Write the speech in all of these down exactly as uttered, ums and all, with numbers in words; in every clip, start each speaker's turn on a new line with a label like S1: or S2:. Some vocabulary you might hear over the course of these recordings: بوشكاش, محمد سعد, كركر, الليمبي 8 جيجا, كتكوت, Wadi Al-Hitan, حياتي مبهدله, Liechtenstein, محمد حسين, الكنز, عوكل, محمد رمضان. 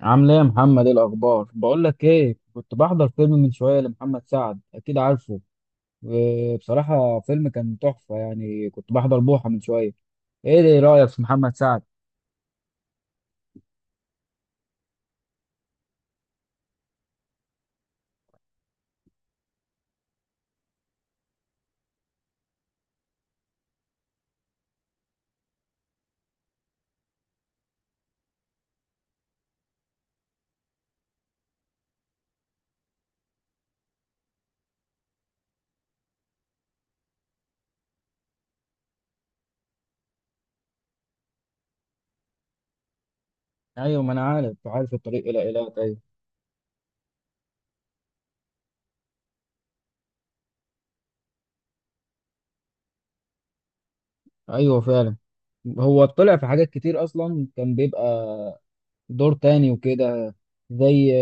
S1: عامل ايه يا محمد؟ ايه الاخبار؟ بقول لك ايه، كنت بحضر فيلم من شويه لمحمد سعد، اكيد عارفه. وبصراحه فيلم كان تحفه، يعني كنت بحضر بوحه من شويه. ايه ده رايك في محمد سعد؟ ايوه، ما انا عارف، عارف الطريق الى ايلات. ايوه، ايوه فعلا. هو طلع في حاجات كتير، اصلا كان بيبقى دور تاني وكده، زي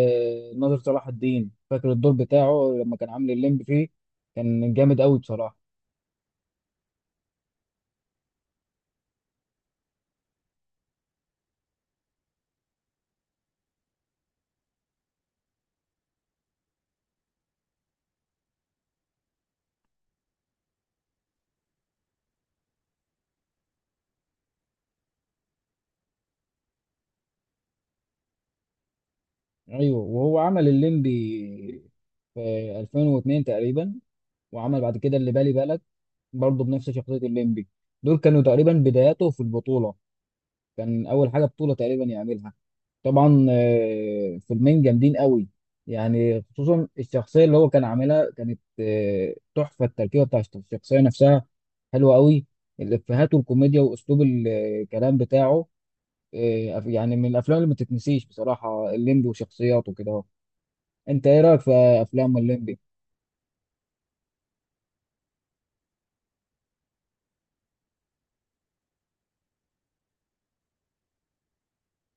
S1: آه، ناظر صلاح الدين، فاكر الدور بتاعه لما كان عامل الليمبي فيه؟ كان جامد قوي بصراحه. ايوه، وهو عمل الليمبي في ألفين واتنين تقريبا، وعمل بعد كده اللي بالي بالك برضه بنفس شخصيه الليمبي. دول كانوا تقريبا بداياته في البطوله، كان اول حاجه بطوله تقريبا يعملها. طبعا آه، فيلمين جامدين قوي، يعني خصوصا الشخصيه اللي هو كان عاملها كانت آه، تحفه. التركيبه بتاع الشخصيه نفسها حلوه قوي، الافيهات والكوميديا واسلوب الكلام بتاعه آه، يعني من الافلام اللي ما تتنسيش بصراحه. الليمبي وشخصياته كده، انت ايه رايك في افلام الليمبي؟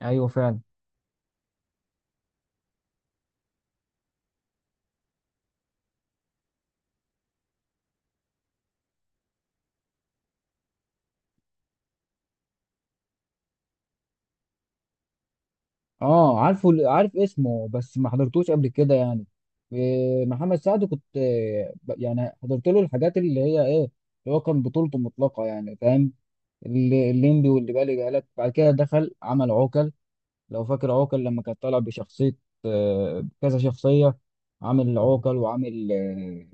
S1: ايوه فعلا. اه عارفه، عارف اسمه بس ما حضرتوش قبل كده يعني إيه، محمد سعد كنت إيه، ب- يعني حضرت له الحاجات اللي هي ايه، اللي هو كان بطولته مطلقه يعني، فاهم؟ اللي- الليمبي واللي بالي بالك، بعد كده دخل عمل عوكل. لو فاكر عوكل لما كان طالع بشخصيه، آه، كذا شخصيه، عامل عوكل وعامل آه،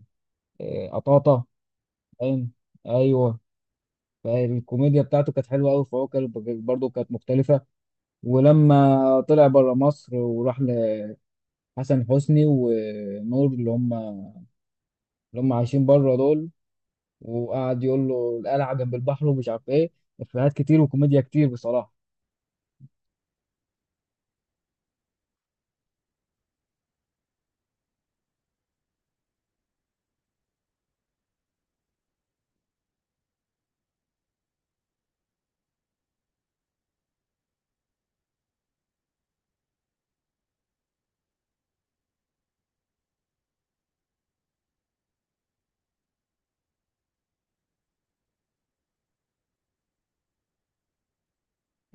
S1: آه، قطاطه، فاهم؟ ايوه. فالكوميديا بتاعته كانت حلوه قوي في عوكل، برضه كانت مختلفه. ولما طلع بره مصر وراح لحسن حسني ونور، اللي هم اللي هم عايشين بره دول، وقعد يقول له القلعه جنب البحر ومش عارف ايه، افيهات كتير وكوميديا كتير بصراحه.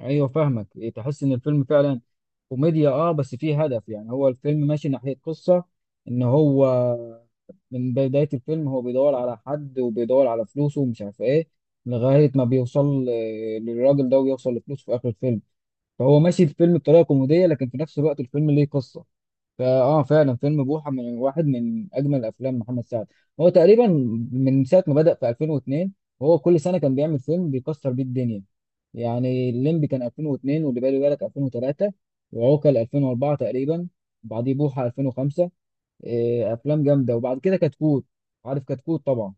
S1: ايوه فاهمك، إيه، تحس ان الفيلم فعلا كوميديا اه، بس فيه هدف. يعني هو الفيلم ماشي ناحيه قصه، ان هو من بدايه الفيلم هو بيدور على حد وبيدور على فلوسه ومش عارف ايه، لغايه ما بيوصل آه، للراجل ده ويوصل لفلوسه في اخر الفيلم. فهو ماشي الفيلم بطريقه كوميديه، لكن في نفس الوقت الفيلم ليه قصه. فاه فعلا، فيلم بوحه من واحد من اجمل افلام محمد سعد. هو تقريبا من ساعه ما بدا في ألفين واتنين، هو كل سنه كان بيعمل فيلم بيكسر بيه الدنيا. يعني الليمبي كان ألفين واتنين، واللي بالي بالك ألفين وتلاته، وعوكل ألفين واربعه تقريبا، بعديه بوحه ألفين وخمسه. إيه، افلام جامده. وبعد كده كتكوت، عارف كتكوت طبعا.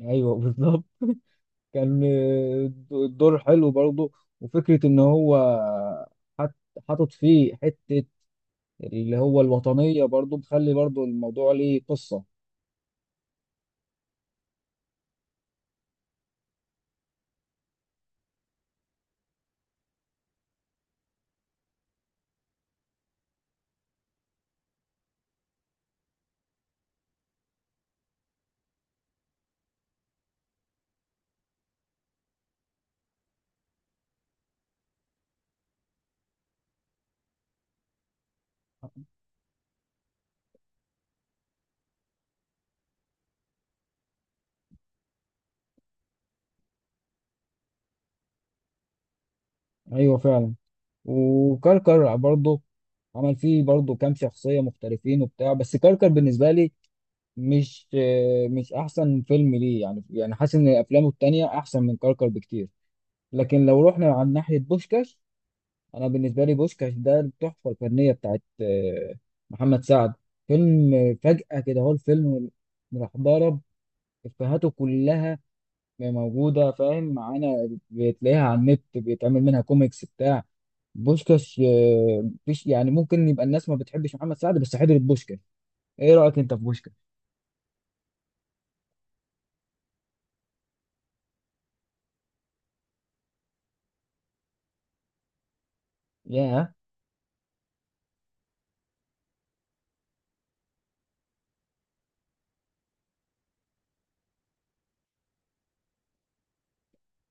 S1: ايوه بالظبط، كان آه، الدور حلو برضه، وفكرة إن هو حط- حاطط فيه حتة اللي هو الوطنية برضه، مخلي برضه الموضوع ليه قصة. أيوه فعلا. وكركر برضه عمل فيه برضه كام شخصية مختلفين وبتاع، بس كركر بالنسبة لي مش آه، مش أحسن فيلم ليه يعني، يعني حاسس إن أفلامه التانية أحسن من كركر بكتير. لكن لو رحنا على ناحية بوشكاش، انا بالنسبه لي بوشكاش ده التحفه الفنيه بتاعت آه، محمد سعد. فيلم آه، فجاه كده هو الفيلم، راح ضرب. افيهاته كلها موجوده فاهم معانا، بتلاقيها على النت بيتعمل منها كوميكس بتاع بوشكاش آه، مفيش يعني، ممكن يبقى الناس ما بتحبش محمد سعد بس حضرت بوشكاش. ايه رايك انت في بوشكاش؟ ياه،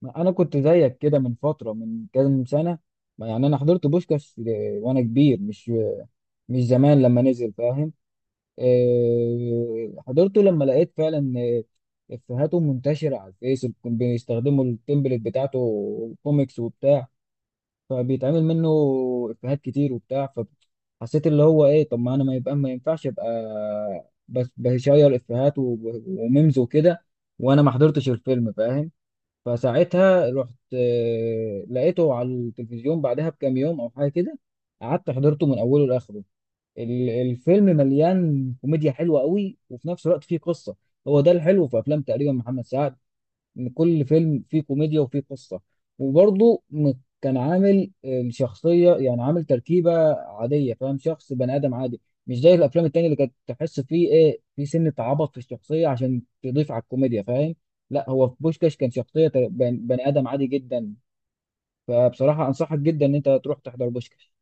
S1: ما انا كنت زيك كده من فتره، من كام سنه ما، يعني انا حضرت بوشكاش آه، وانا كبير، مش مش زمان لما نزل، فاهم؟ آه، حضرته لما لقيت فعلا آه، افيهاته منتشره على الفيس، بيستخدموا التمبلت بتاعته كوميكس وبتاع، فبيتعمل منه افيهات كتير وبتاع. فحسيت اللي هو ايه، طب ما انا ما يبقى ما ينفعش ابقى بس بشير افيهات و- وميمز وكده، وانا ما حضرتش الفيلم، فاهم؟ فساعتها رحت آه، لقيته على التلفزيون بعدها بكام يوم او حاجه كده، قعدت حضرته من اوله لاخره. ال- الفيلم مليان كوميديا حلوه قوي، وفي نفس الوقت فيه قصه. هو ده الحلو في افلام تقريبا محمد سعد، ان كل فيلم فيه كوميديا وفيه قصه. وبرضه م- كان عامل الشخصيه، يعني عامل تركيبه عاديه، فاهم، شخص بني ادم عادي، مش زي الافلام التانية اللي كانت تحس فيه ايه، في سنه عبط في الشخصيه عشان تضيف على الكوميديا، فاهم؟ لا، هو في بوشكاش كان شخصيه ت- بن- بني ادم عادي جدا. فبصراحه انصحك جدا ان انت تروح تحضر بوشكاش.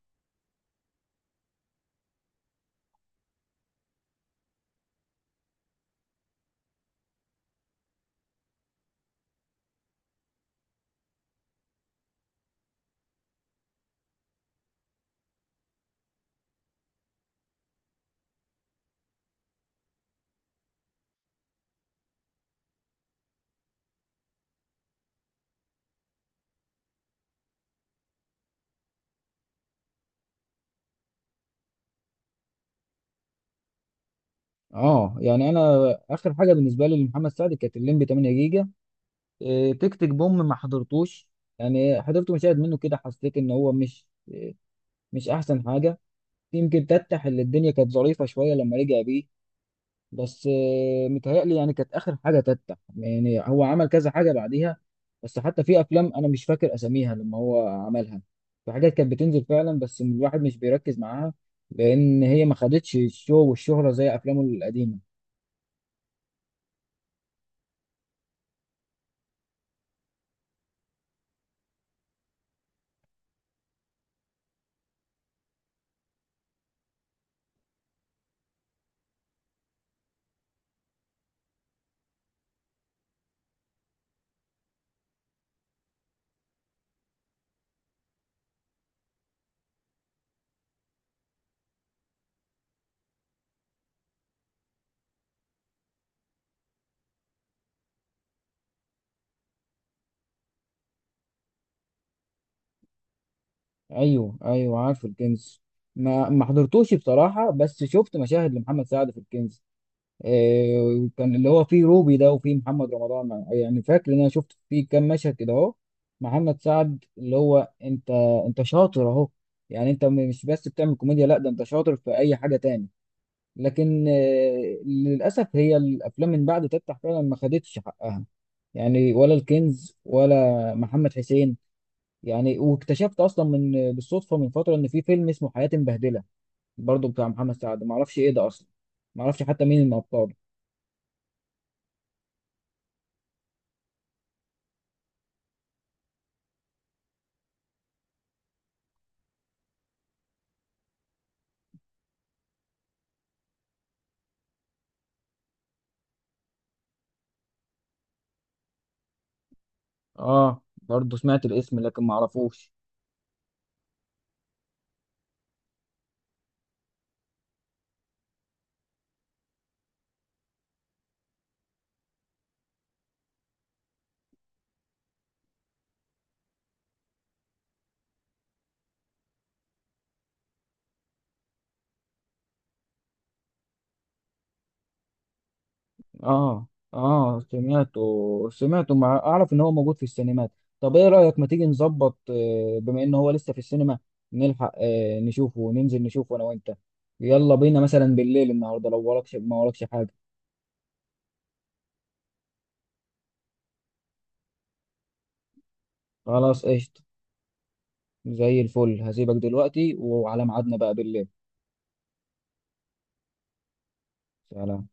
S1: اه، يعني انا اخر حاجه بالنسبه لي لمحمد سعد كانت الليمبي تمنيه جيجا. إيه، تك تك بوم ما حضرتوش، يعني حضرت مشاهد منه كده، حسيت ان هو مش مش احسن حاجه. يمكن تتح اللي الدنيا كانت ظريفه شويه لما رجع بيه، بس إيه، متهيألي يعني كانت اخر حاجه تتح، يعني هو عمل كذا حاجه بعديها، بس حتى في افلام انا مش فاكر اساميها لما هو عملها، في حاجات كانت بتنزل فعلا بس الواحد مش بيركز معاها، لان هي ما خدتش الشو والشهره زي افلامه القديمه. ايوه، ايوه عارف الكنز، ما ما حضرتوش بصراحه، بس شفت مشاهد لمحمد سعد في الكنز. إيه، كان اللي هو فيه روبي ده وفيه محمد رمضان، يعني فاكر ان انا شفت فيه كام مشهد كده، اهو محمد سعد اللي هو انت، انت شاطر اهو. يعني انت م- مش بس بتعمل كوميديا، لا ده انت شاطر في اي حاجه تاني. لكن آه، للاسف هي الافلام من بعد تفتح فعلا ما خدتش حقها، يعني ولا الكنز ولا محمد حسين. يعني واكتشفت اصلا من بالصدفه من فتره ان في فيلم اسمه حياتي مبهدله، برضو بتاع محمد سعد، ما اعرفش ايه ده اصلا، ما اعرفش حتى مين من ابطاله. اه برضو سمعت الاسم لكن ما اعرفوش. اه، اه سمعته سمعته مع، اعرف ان هو موجود في السينمات. طب ايه رايك ما تيجي نظبط، آه، بما ان هو لسه في السينما، نلحق آه، نشوفه، وننزل نشوفه انا وانت، يلا بينا، مثلا بالليل النهارده لو وراكش ما وراكش حاجه. خلاص قشطه، زي الفل، هسيبك دلوقتي وعلى ميعادنا بقى بالليل. سلام.